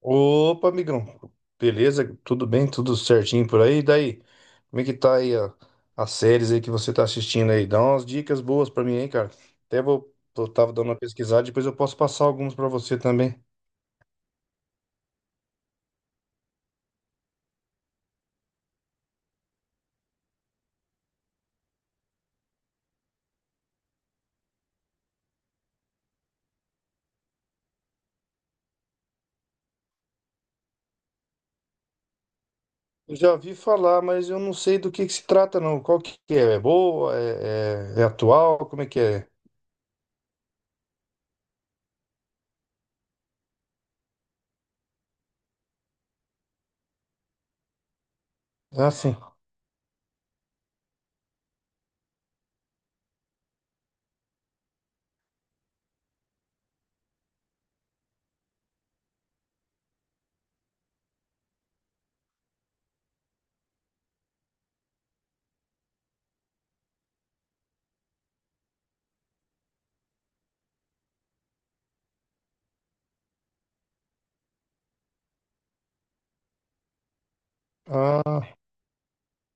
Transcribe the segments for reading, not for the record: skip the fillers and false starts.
Opa, amigão. Beleza? Tudo bem? Tudo certinho por aí? E daí? Como é que tá aí as séries aí que você tá assistindo aí? Dá umas dicas boas pra mim aí, cara. Até vou, eu tava dando uma pesquisada, depois eu posso passar alguns pra você também. Eu já ouvi falar, mas eu não sei do que se trata, não. Qual que é? É boa? É atual? Como é que é? Ah, sim. Ah,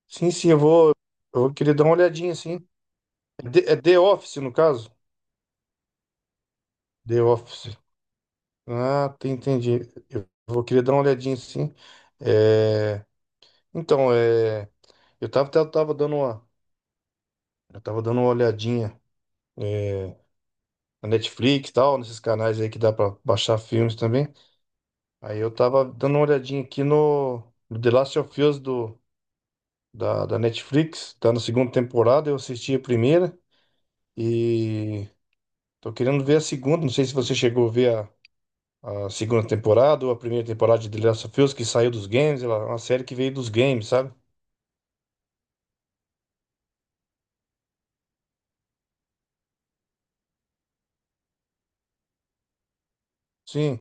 sim, sim, eu vou querer dar uma olhadinha, sim. É The Office, no caso? The Office. Ah, entendi. Eu vou querer dar uma olhadinha sim. É, então, é... eu tava dando uma... eu tava dando uma olhadinha é, na Netflix e tal, nesses canais aí que dá pra baixar filmes também. Aí eu tava dando uma olhadinha aqui no The Last of Us do... da... da Netflix, tá na segunda temporada, eu assisti a primeira e tô querendo ver a segunda. Não sei se você chegou a ver a segunda temporada ou a primeira temporada de The Last of Us, que saiu dos games, ela é uma série que veio dos games, sabe? Sim,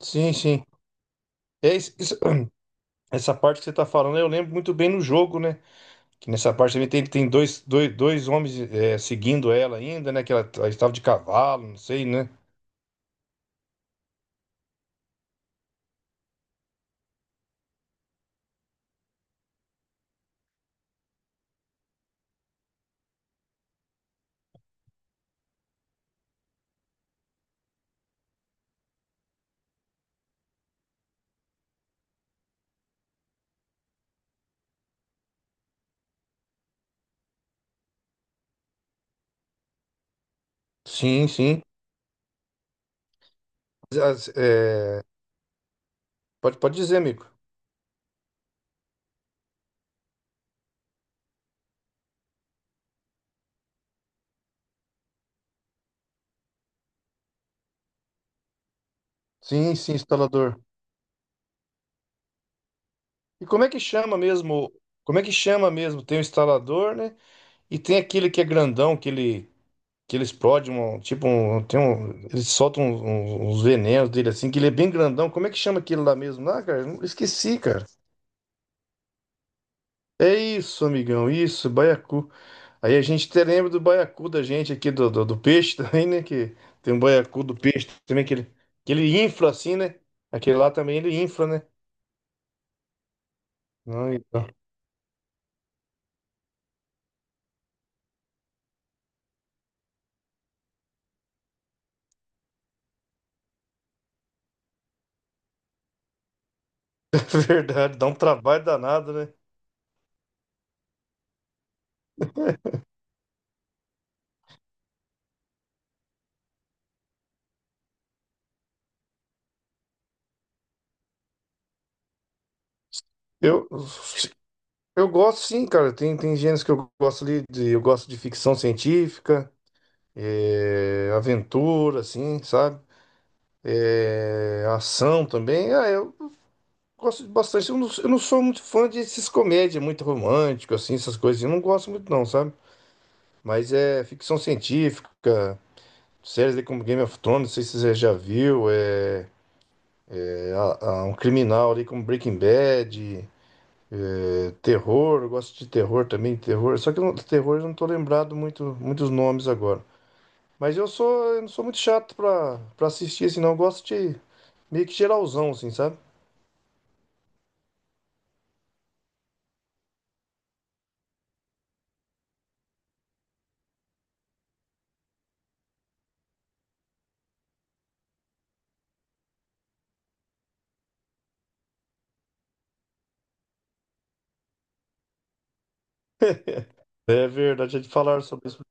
sim, sim. É essa parte que você tá falando, eu lembro muito bem no jogo, né? Que nessa parte também tem, tem dois homens é, seguindo ela ainda, né? Que ela estava de cavalo, não sei, né? Sim, sim. As- é, Pode, dizer, amigo. Sim, sim, instalador. E como é que chama mesmo? Como é que chama mesmo? Tem o instalador, né? E tem aquele que é grandão, que ele explode um. Tipo, um, tem um. Ele solta uns venenos dele assim, que ele é bem grandão. Como é que chama aquele lá mesmo? Ah, cara, eu esqueci, cara. É isso, amigão, isso, baiacu. Aí a gente até lembra do baiacu da gente aqui, do peixe também, né? Que tem um baiacu do peixe também, que ele infla assim, né? Aquele lá também ele infla, né? Não, então. Verdade, dá um trabalho danado, né? Eu, eu gosto sim, cara. Tem gêneros que eu gosto ali, de, eu gosto de ficção científica. É, aventura, assim, sabe? É, ação também. Ah, eu gosto de bastante. Eu não sou muito fã desses comédia, muito romântico, assim, essas coisas. Eu não gosto muito, não, sabe? Mas é ficção científica, séries ali como Game of Thrones, não sei se você já viu, um criminal ali como Breaking Bad, é, terror, eu gosto de terror também, terror. Só que eu não- terror eu não tô lembrado muito, muitos nomes agora. Eu não sou muito chato pra assistir, assim, não. Eu gosto de meio que geralzão, assim, sabe? É verdade, de falar sobre isso.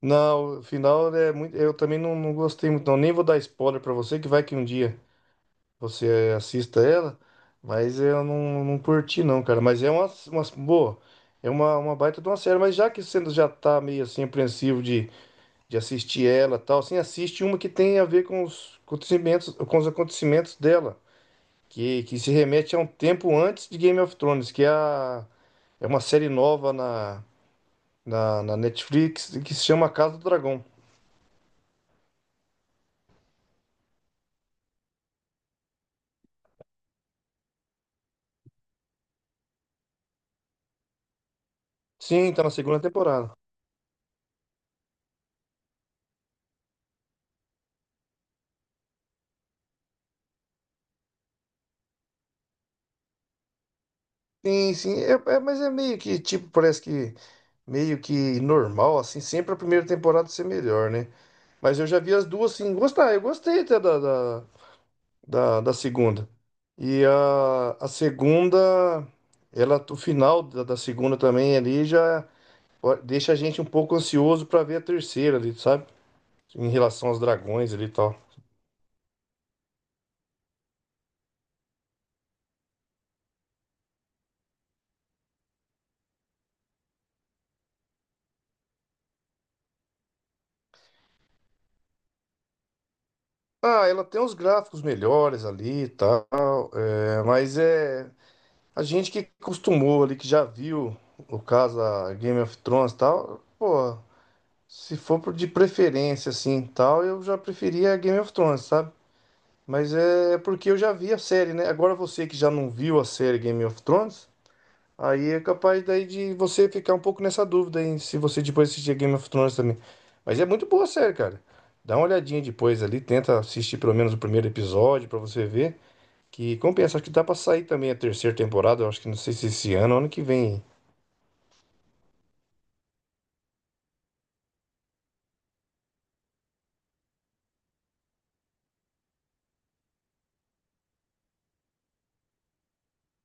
Não, o final é muito. Eu também não, não gostei muito, não. Nem vou dar spoiler pra você, que vai que um dia você assista ela, mas eu não, não curti, não, cara. Mas é uma boa, é uma baita de uma série. Mas já que você já tá meio assim, apreensivo de assistir ela e tal, assim, assiste uma que tem a ver com os acontecimentos dela. Que se remete a um tempo antes de Game of Thrones, é uma série nova na Netflix que se chama Casa do Dragão. Sim, tá na segunda temporada. Sim, sim, mas é meio que, tipo, parece que meio que normal, assim, sempre a primeira temporada ser melhor, né? Mas eu já vi as duas, assim, gostar, eu gostei até da segunda. E a segunda, ela, o final da segunda também ali já. Deixa a gente um pouco ansioso pra ver a terceira ali, sabe? Em relação aos dragões ali e tal. Ah, ela tem uns gráficos melhores ali e tal, é, mas é a gente que acostumou ali, que já viu o caso a Game of Thrones e tal, pô, se for de preferência assim e tal, eu já preferia a Game of Thrones, sabe? Mas é porque eu já vi a série, né? Agora você que já não viu a série Game of Thrones, aí é capaz daí de você ficar um pouco nessa dúvida, hein? Se você depois assistir Game of Thrones também. Mas é muito boa a série, cara. Dá uma olhadinha depois ali, tenta assistir pelo menos o primeiro episódio pra você ver que compensa. Acho que dá pra sair também a terceira temporada, eu acho que não sei se esse ano, ou ano que vem.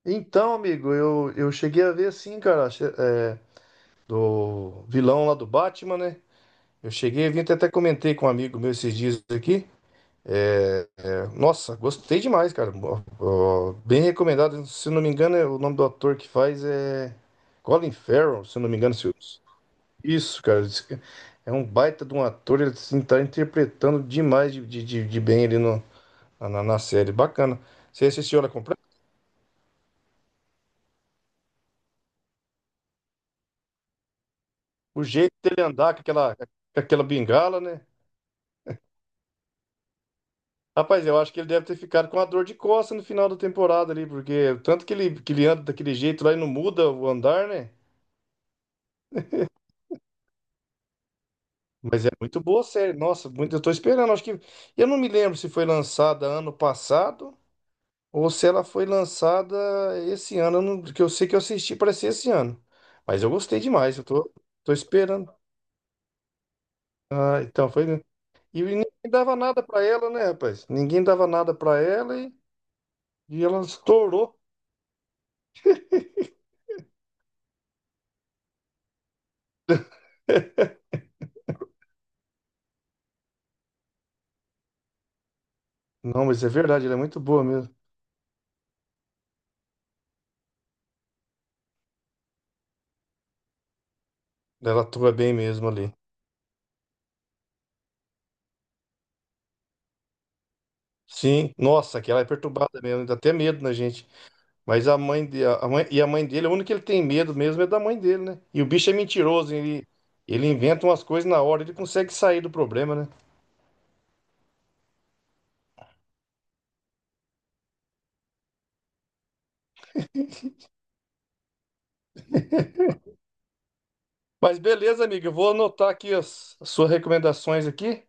Então, amigo, eu cheguei a ver assim, cara, do vilão lá do Batman, né? Eu cheguei a ver até comentei com um amigo meu esses dias aqui. Nossa, gostei demais, cara. Ó, ó, bem recomendado. Se não me engano, o nome do ator que faz é Colin Farrell, se não me engano. Se eu- Isso, cara. É um baita de um ator. Ele assim, tá interpretando demais de bem ali no, na, na série. Bacana. Você assistiu ela completa? O jeito dele andar com aquela bengala, né? Rapaz, eu acho que ele deve ter ficado com a dor de costa no final da temporada ali, porque tanto que ele anda daquele jeito lá e não muda o andar, né? Mas é muito boa a série. Nossa, muito, eu tô esperando. Acho que. Eu não me lembro se foi lançada ano passado ou se ela foi lançada esse ano. Eu não- Que eu sei que eu assisti, parece esse ano. Mas eu gostei demais. Tô esperando. Ah, então foi. E ninguém dava nada pra ela, né, rapaz? Ninguém dava nada pra ela e ela estourou. Não, mas é verdade, ela é muito boa mesmo. Ela atua bem mesmo ali. Sim, nossa, que ela é perturbada mesmo, dá até medo na gente. Mas a mãe dele, a única que ele tem medo mesmo é da mãe dele, né? E o bicho é mentiroso, ele inventa umas coisas na hora, ele consegue sair do problema, né? Mas beleza, amigo, eu vou anotar aqui as suas recomendações aqui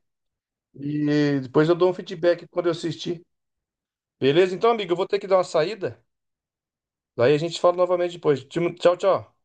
e depois eu dou um feedback quando eu assistir. Beleza? Então, amigo, eu vou ter que dar uma saída, daí a gente fala novamente depois. Tchau, tchau.